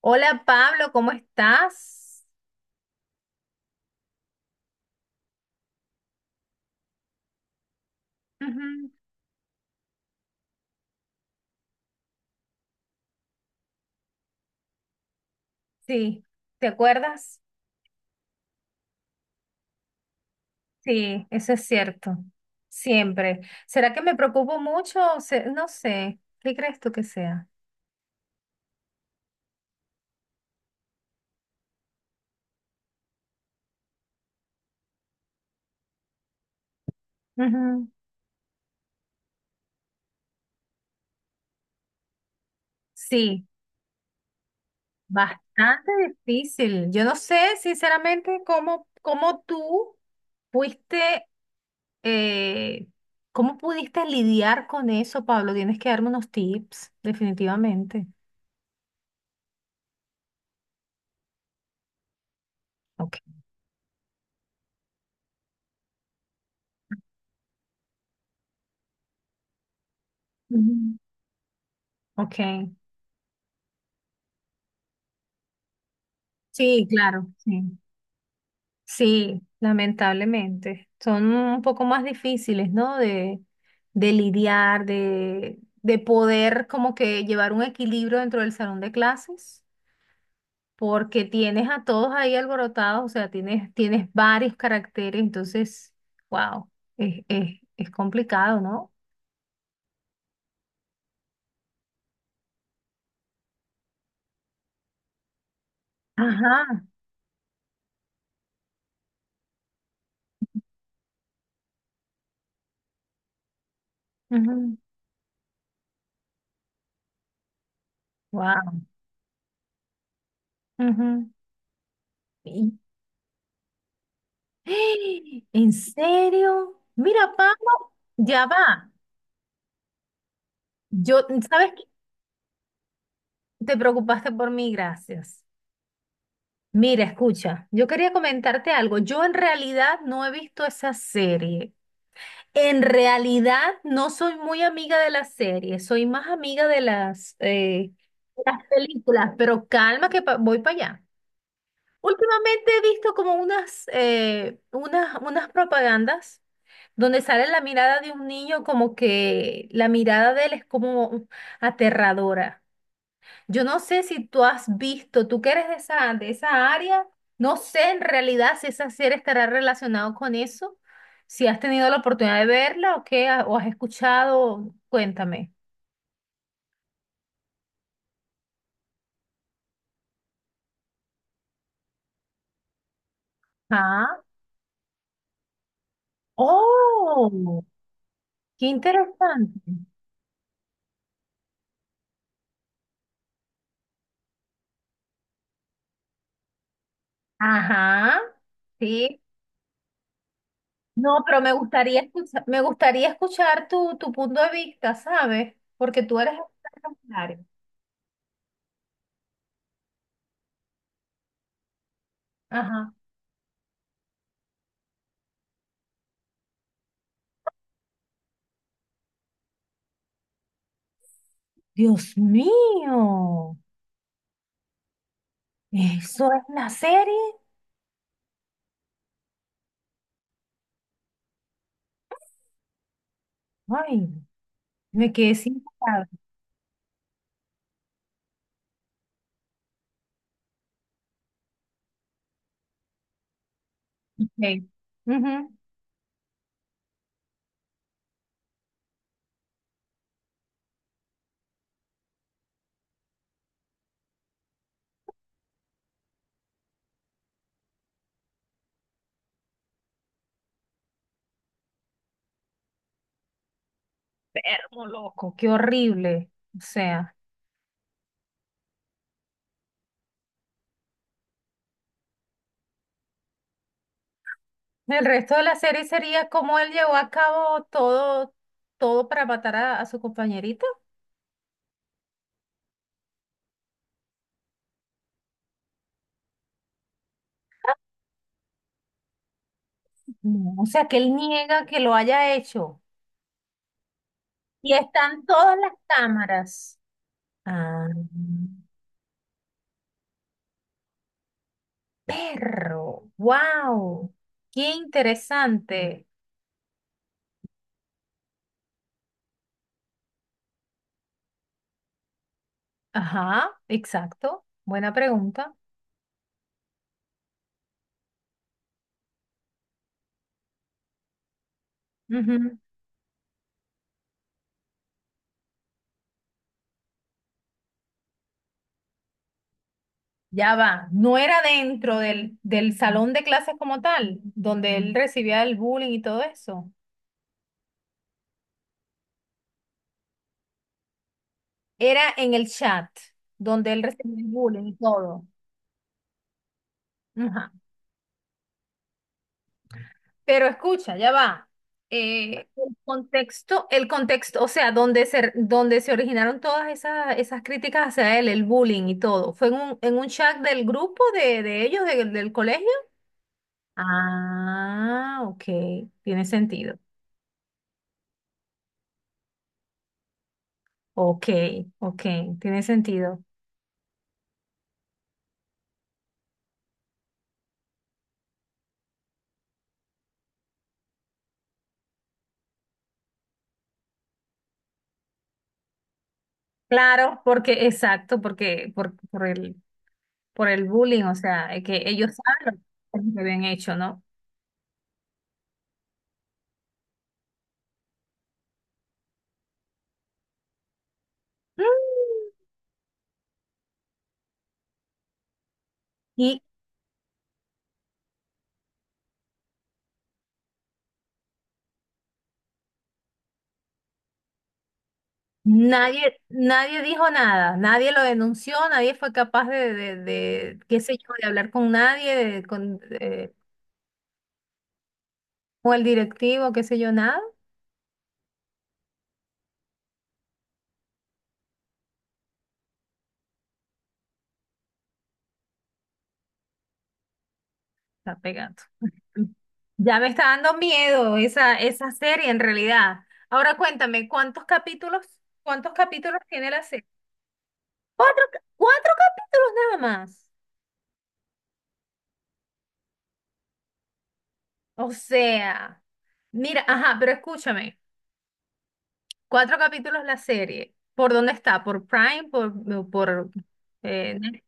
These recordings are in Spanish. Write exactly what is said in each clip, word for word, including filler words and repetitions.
Hola Pablo, ¿cómo estás? Ujú. Sí, ¿te acuerdas? Sí, eso es cierto. Siempre. ¿Será que me preocupo mucho? Se- No sé. ¿Qué crees tú que sea? Ujú. Sí, bastante difícil. Yo no sé, sinceramente, cómo, cómo tú fuiste, eh, cómo pudiste lidiar con eso, Pablo. Tienes que darme unos tips, definitivamente. Ok. Ujú. Ok. Sí, claro, sí. Sí, lamentablemente. Son un poco más difíciles, ¿no? De, de lidiar, de, de poder como que llevar un equilibrio dentro del salón de clases, porque tienes a todos ahí alborotados, o sea, tienes, tienes varios caracteres, entonces, wow, es, es, es complicado, ¿no? Ajá. Wow. ¿En serio? Mira, Pablo, ya va. Yo, ¿sabes qué? Te preocupaste por mí, gracias. Mira, escucha, yo quería comentarte algo. Yo en realidad no he visto esa serie. En realidad no soy muy amiga de la serie, soy más amiga de las, eh, de las películas, pero calma que pa- voy para allá. Últimamente he visto como unas, eh, unas, unas propagandas donde sale la mirada de un niño como que la mirada de él es como aterradora. Yo no sé si tú has visto, tú que eres de esa, de esa área, no sé en realidad si esa serie estará relacionado con eso, si has tenido la oportunidad de verla o qué, ha- o has escuchado, cuéntame. Ah, oh, qué interesante. Ajá, sí. No, pero me gustaría escuchar, me gustaría escuchar tu, tu punto de vista, ¿sabes? Porque tú eres experta en el área. Ajá. Dios mío, ¿eso es la serie? Ay, me quedé sin palabras. Ok. Ujú. Enfermo, loco, qué horrible. O sea, el resto de la serie sería cómo él llevó a cabo todo, todo para matar a, a su compañerita. No, o sea, que él niega que lo haya hecho. Y están todas las cámaras. Ah, perro, wow, qué interesante. Ajá, exacto. Buena pregunta. Ya va, no era dentro del, del salón de clases como tal, donde él recibía el bullying y todo eso. Era en el chat, donde él recibía el bullying y todo. Ajá. Pero escucha, ya va. Eh, el contexto, el contexto, o sea, donde se, donde se originaron todas esas, esas críticas hacia él, el bullying y todo, ¿fue en un, en un chat del grupo de, de ellos, del del colegio? Ah, ok, tiene sentido. Ok, ok, tiene sentido. Claro, porque, exacto, porque por, por el, por el bullying, o sea, eh, que ellos saben lo que habían hecho, ¿no? Mm. Y nadie, nadie dijo nada, nadie lo denunció, nadie fue capaz de, de, de qué sé yo, de hablar con nadie, de- con, eh, con el directivo, qué sé yo, nada. Está pegando. Ya me está dando miedo esa, esa serie en realidad. Ahora cuéntame, ¿cuántos capítulos, ¿cuántos capítulos tiene la serie? Cuatro, ca- cuatro capítulos nada más. O sea, mira, ajá, pero escúchame, cuatro capítulos la serie. ¿Por dónde está? ¿Por Prime? ¿Por, por ¿eh, Net-?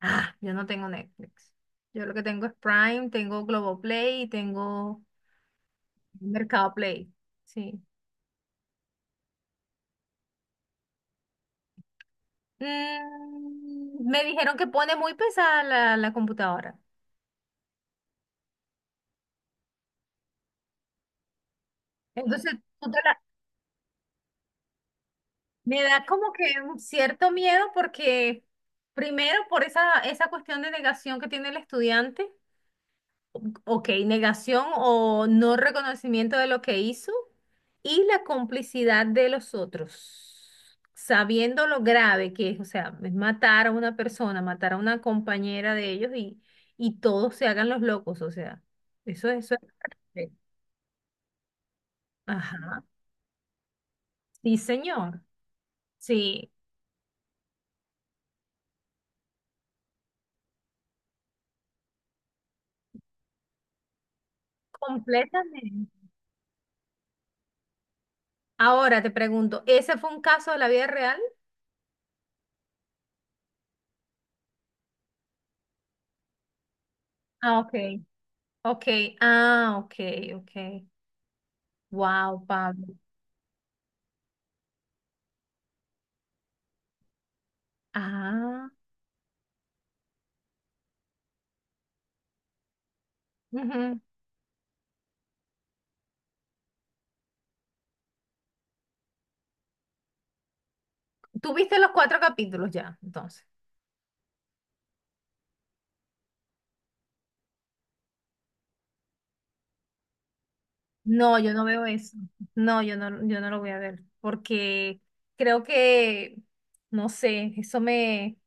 Ah, yo no tengo Netflix. Yo lo que tengo es Prime, tengo Globoplay y tengo Mercado Play. Sí. Mm, me dijeron que pone muy pesada la, la computadora. Entonces, tú te la- me da como que un cierto miedo porque, primero, por esa, esa cuestión de negación que tiene el estudiante, ok, negación o no reconocimiento de lo que hizo, y la complicidad de los otros, sabiendo lo grave que es, o sea, es matar a una persona, matar a una compañera de ellos y, y todos se hagan los locos, o sea, eso, eso es... Ajá, sí, señor, sí, completamente. Ahora te pregunto, ¿ese fue un caso de la vida real? Ah, ok. Ok, ah, ok, ok. Wow, Pablo. Ah, ujú. ¿Tú viste los cuatro capítulos ya, entonces? No, yo no veo eso. No, yo no, yo no lo voy a ver, porque creo que, no sé, eso me...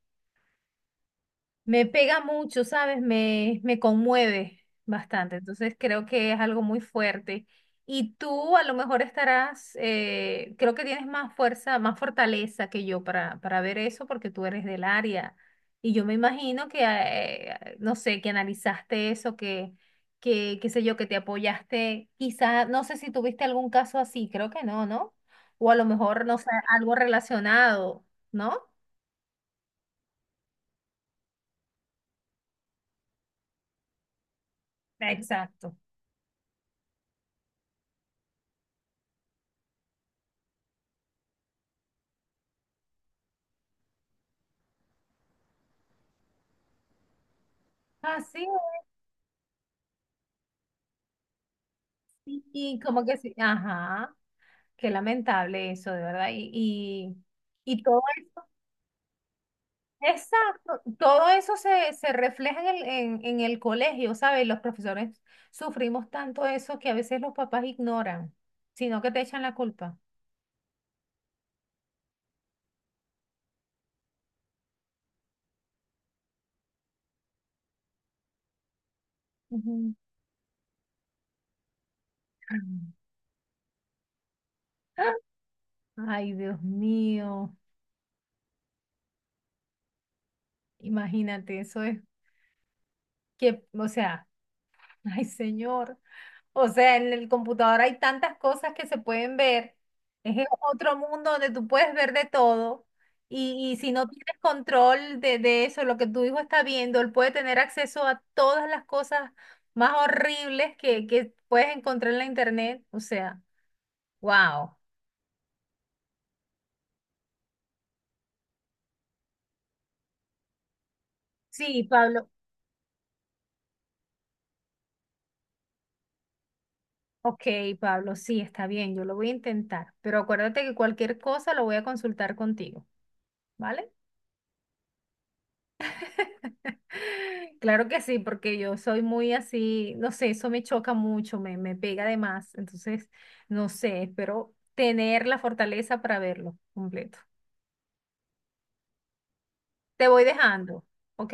Me pega mucho, ¿sabes? Me, me conmueve bastante. Entonces creo que es algo muy fuerte. Y tú a lo mejor estarás, eh, creo que tienes más fuerza, más fortaleza que yo para, para ver eso porque tú eres del área. Y yo me imagino que, eh, no sé, que analizaste eso, que, que, qué sé yo, que te apoyaste. Quizá, no sé si tuviste algún caso así, creo que no, ¿no? O a lo mejor, no sé, algo relacionado, ¿no? Exacto. Así. Y como que sí, ajá, qué lamentable eso, de verdad. Y, y, y todo eso, exacto, todo eso se, se refleja en el, en, en el colegio, ¿sabes? Los profesores sufrimos tanto eso que a veces los papás ignoran, sino que te echan la culpa. Ujú. Ay, Dios mío, imagínate, eso es que, o sea, ay, señor. O sea, en el computador hay tantas cosas que se pueden ver. Es otro mundo donde tú puedes ver de todo. Y, y si no tienes control de, de eso, lo que tu hijo está viendo, él puede tener acceso a todas las cosas más horribles que, que puedes encontrar en la internet. O sea, wow. Sí, Pablo. Ok, Pablo, sí, está bien, yo lo voy a intentar. Pero acuérdate que cualquier cosa lo voy a consultar contigo, ¿vale? Claro que sí, porque yo soy muy así, no sé, eso me choca mucho, me, me pega de más. Entonces, no sé, espero tener la fortaleza para verlo completo. Te voy dejando, ¿ok?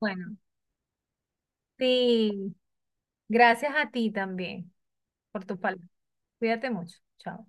Bueno. Sí, gracias a ti también por tus palabras. Cuídate mucho. Chao.